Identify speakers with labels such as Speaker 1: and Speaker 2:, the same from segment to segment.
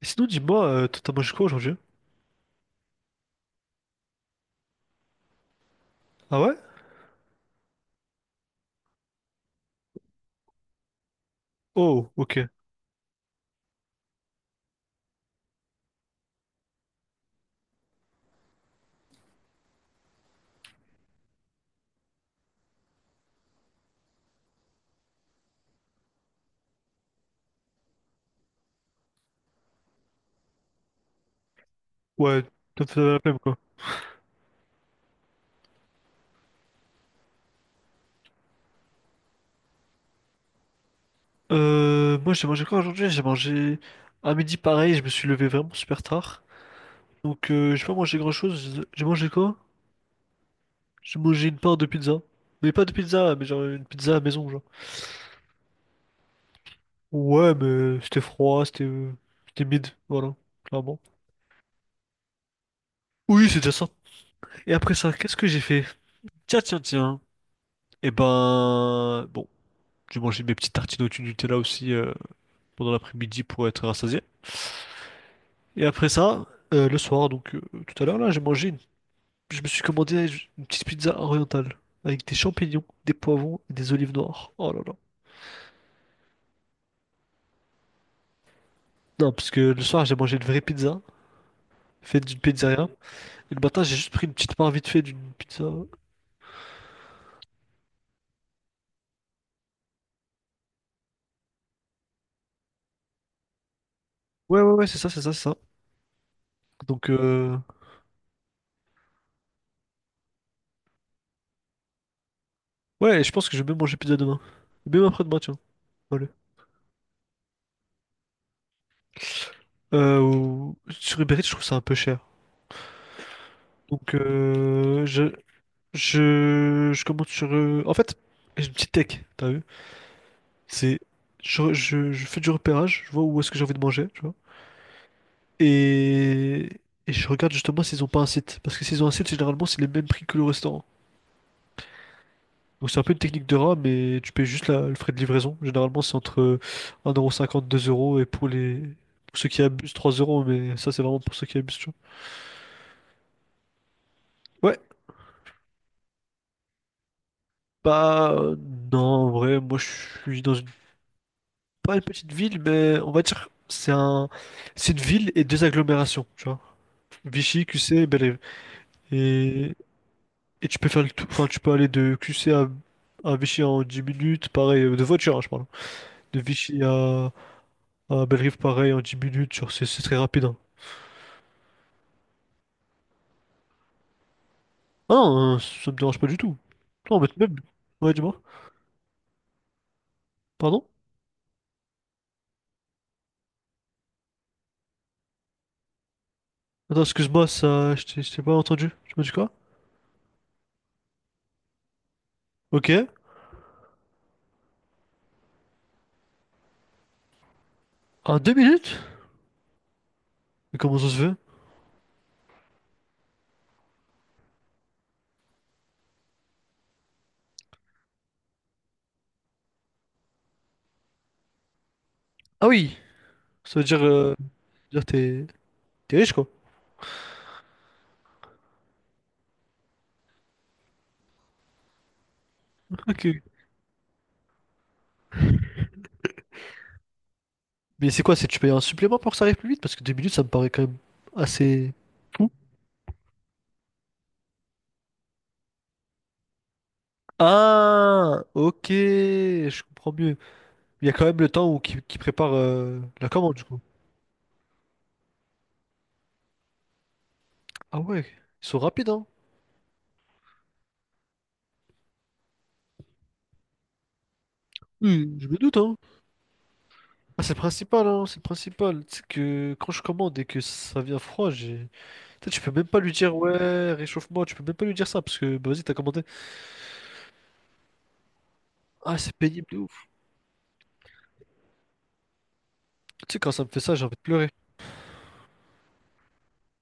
Speaker 1: Et sinon, dis-moi, toi, t'as mangé quoi aujourd'hui? Ah ouais? Oh, ok. Ouais, ça me faisait la peine, quoi. Moi, j'ai mangé quoi aujourd'hui? J'ai mangé à midi pareil, je me suis levé vraiment super tard. Donc, j'ai pas mangé grand-chose. J'ai mangé quoi? J'ai mangé une part de pizza. Mais pas de pizza, mais genre une pizza à la maison, genre. Ouais, mais c'était froid, c'était mid, voilà, clairement. Oui, c'est déjà ça. Et après ça, qu'est-ce que j'ai fait? Tiens, tiens, tiens. Eh ben, bon, j'ai mangé mes petites tartines au Nutella aussi, pendant l'après-midi pour être rassasié. Et après ça, le soir, donc, tout à l'heure là, je me suis commandé une petite pizza orientale avec des champignons, des poivrons et des olives noires. Oh là là. Non, parce que le soir, j'ai mangé une vraie pizza faite d'une pizzeria et le matin, j'ai juste pris une petite part vite fait d'une pizza. Ouais, ouais, ouais, c'est ça, c'est ça, c'est ça. Donc euh... ouais, et je pense que je vais même manger pizza demain. Même après-demain, tiens. Allez. Sur Uber Eats, je trouve ça un peu cher. Je... Je commence sur. En fait, j'ai une petite tech, t'as vu? C'est. Je fais du repérage, je vois où est-ce que j'ai envie de manger, tu vois. Et, et je regarde justement s'ils ont pas un site. Parce que s'ils ont un site, généralement, c'est les mêmes prix que le restaurant. Donc c'est un peu une technique de rat, mais tu payes juste le frais de livraison. Généralement, c'est entre 1,50 € 2 €. Et pour les. Pour ceux qui abusent, 3 €. Mais ça, c'est vraiment pour ceux qui abusent, tu vois. Ouais. Bah, non, en vrai, moi, je suis dans une. Pas une petite ville, mais on va dire c'est une ville et deux agglomérations, tu vois. Vichy, QC et bel. Et, et tu peux faire le tout, enfin tu peux aller de QC à Vichy en 10 minutes, pareil, de voiture, hein, je parle. De Vichy à belle pareil, en 10 minutes, genre, c'est très rapide, hein. Ah non, ça me dérange pas du tout. Non, mais même... Ouais, dis-moi. Pardon? Attends, excuse-moi, ça, je t'ai pas entendu. Tu m'as dit quoi? Ok. En 2 minutes? Mais comment ça se fait? Ah oui, ça veut dire t'es riche, quoi. Ok. Mais c'est quoi, c'est tu payes un supplément pour que ça arrive plus vite? Parce que 2 minutes, ça me paraît quand même assez fou. Ah, ok, je comprends mieux. Il y a quand même le temps où qui prépare la commande, du coup. Ah ouais, ils sont rapides, hein. Hmm. Je me doute, hein. Ah, c'est le principal, hein, c'est le principal. C'est que quand je commande et que ça vient froid, j'ai... Tu sais, tu peux même pas lui dire, ouais, réchauffe-moi, tu peux même pas lui dire ça, parce que, bah, vas-y, t'as commandé. Ah, c'est pénible de ouf. Tu sais, quand ça me fait ça, j'ai envie de pleurer.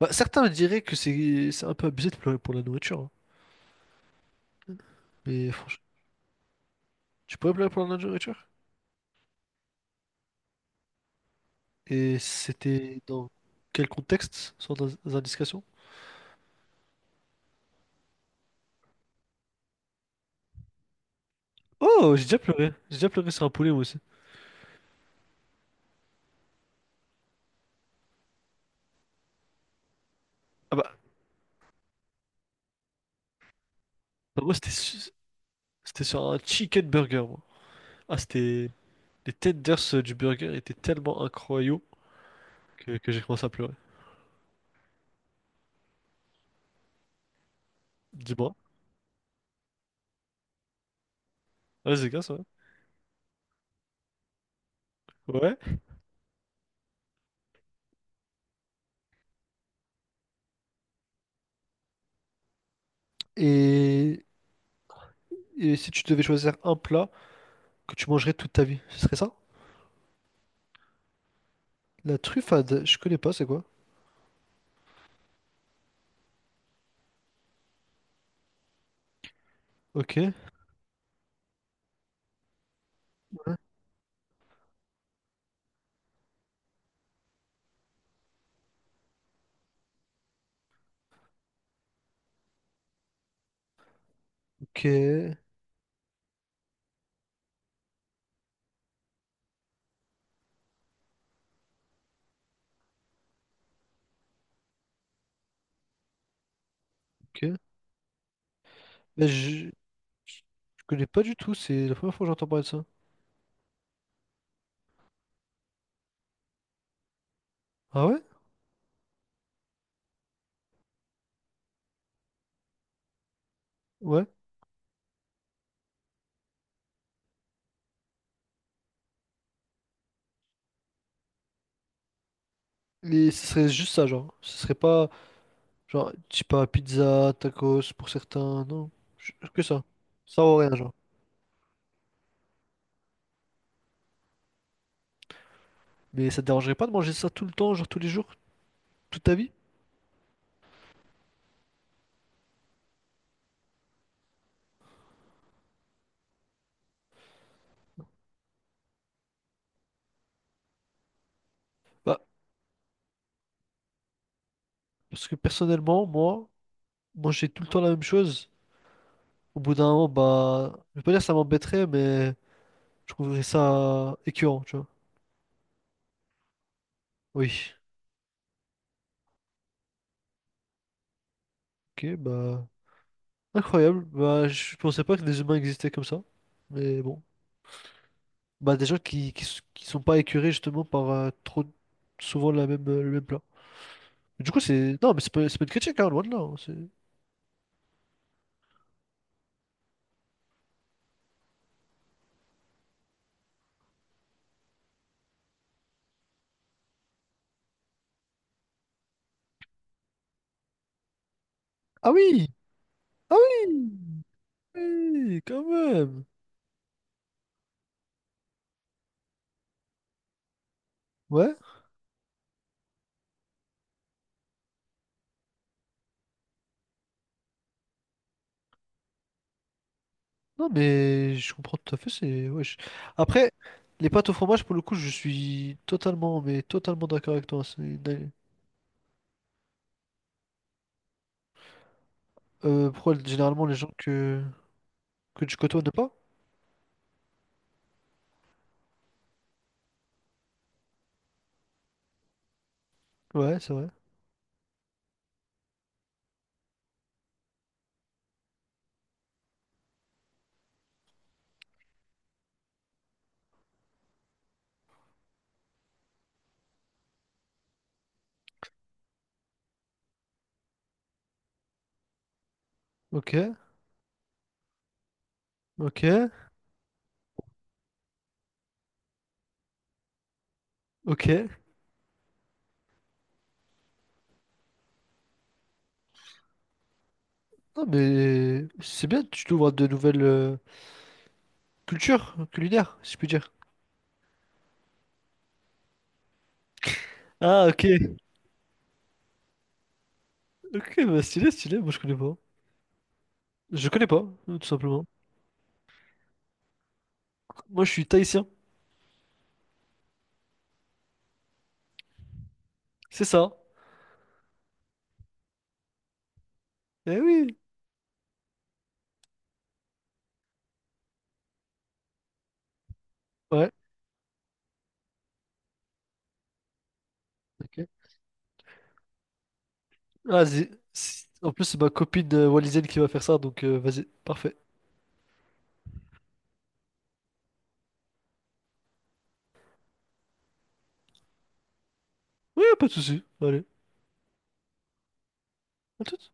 Speaker 1: Bah, certains diraient que c'est un peu abusé de pleurer pour la nourriture, hein. Mais franchement... Tu pourrais me la répondre à la nourriture? Et c'était dans quel contexte, sans indication? Oh, j'ai déjà pleuré. J'ai déjà pleuré sur un poulet, moi aussi. Ah bah, bah, moi, c'était sur un chicken burger, moi. Ah, c'était... Les tenders du burger étaient tellement incroyables que j'ai commencé à pleurer. Dis-moi. Ouais, c'est grâce, ouais. Ouais. Et... et si tu devais choisir un plat que tu mangerais toute ta vie, ce serait ça? La truffade, je connais pas, c'est quoi? Ok. Ok. Ok. Mais je... Je je connais pas du tout, c'est la première fois que j'entends parler de ça. Ah ouais? Ouais. Et ce serait juste ça, genre. Ce serait pas, genre, je sais pas, pizza, tacos pour certains, non. Que ça. Ça ou rien, genre. Mais ça te dérangerait pas de manger ça tout le temps, genre tous les jours, toute ta vie? Bah, parce que personnellement, moi, manger tout le temps la même chose, au bout d'un moment, bah, je vais pas dire que ça m'embêterait, mais je trouverais ça écœurant, tu vois. Oui. Ok, bah, incroyable. Bah, je pensais pas que les humains existaient comme ça. Mais bon. Bah, des gens qui sont pas écœurés justement par trop souvent le même plat. Du coup, c'est. Non, mais c'est pas, une critique, hein, loin de là, hein, c'est- Ah oui! Ah oui! Oui, quand même! Ouais, non, mais je comprends tout à fait. C'est. Ouais, je- Après, les pâtes au fromage, pour le coup, je suis totalement, mais totalement d'accord avec toi, c'est une- Pourquoi généralement les gens que tu côtoies ne pas? Ouais, c'est vrai. Ok, ok, ok. Non, mais c'est bien, tu t'ouvres à de nouvelles... culture culinaire, si je puis dire. Ah, ok. Ok, bah stylé, stylé. Moi, je connais pas. Je connais pas, tout simplement. Moi, je suis tahitien. C'est ça. Eh oui. Ouais. Ok. Vas-y. En plus, c'est ma copine wallisienne qui va faire ça, donc, vas-y. Parfait. Ouais, pas de souci. Allez. À toute.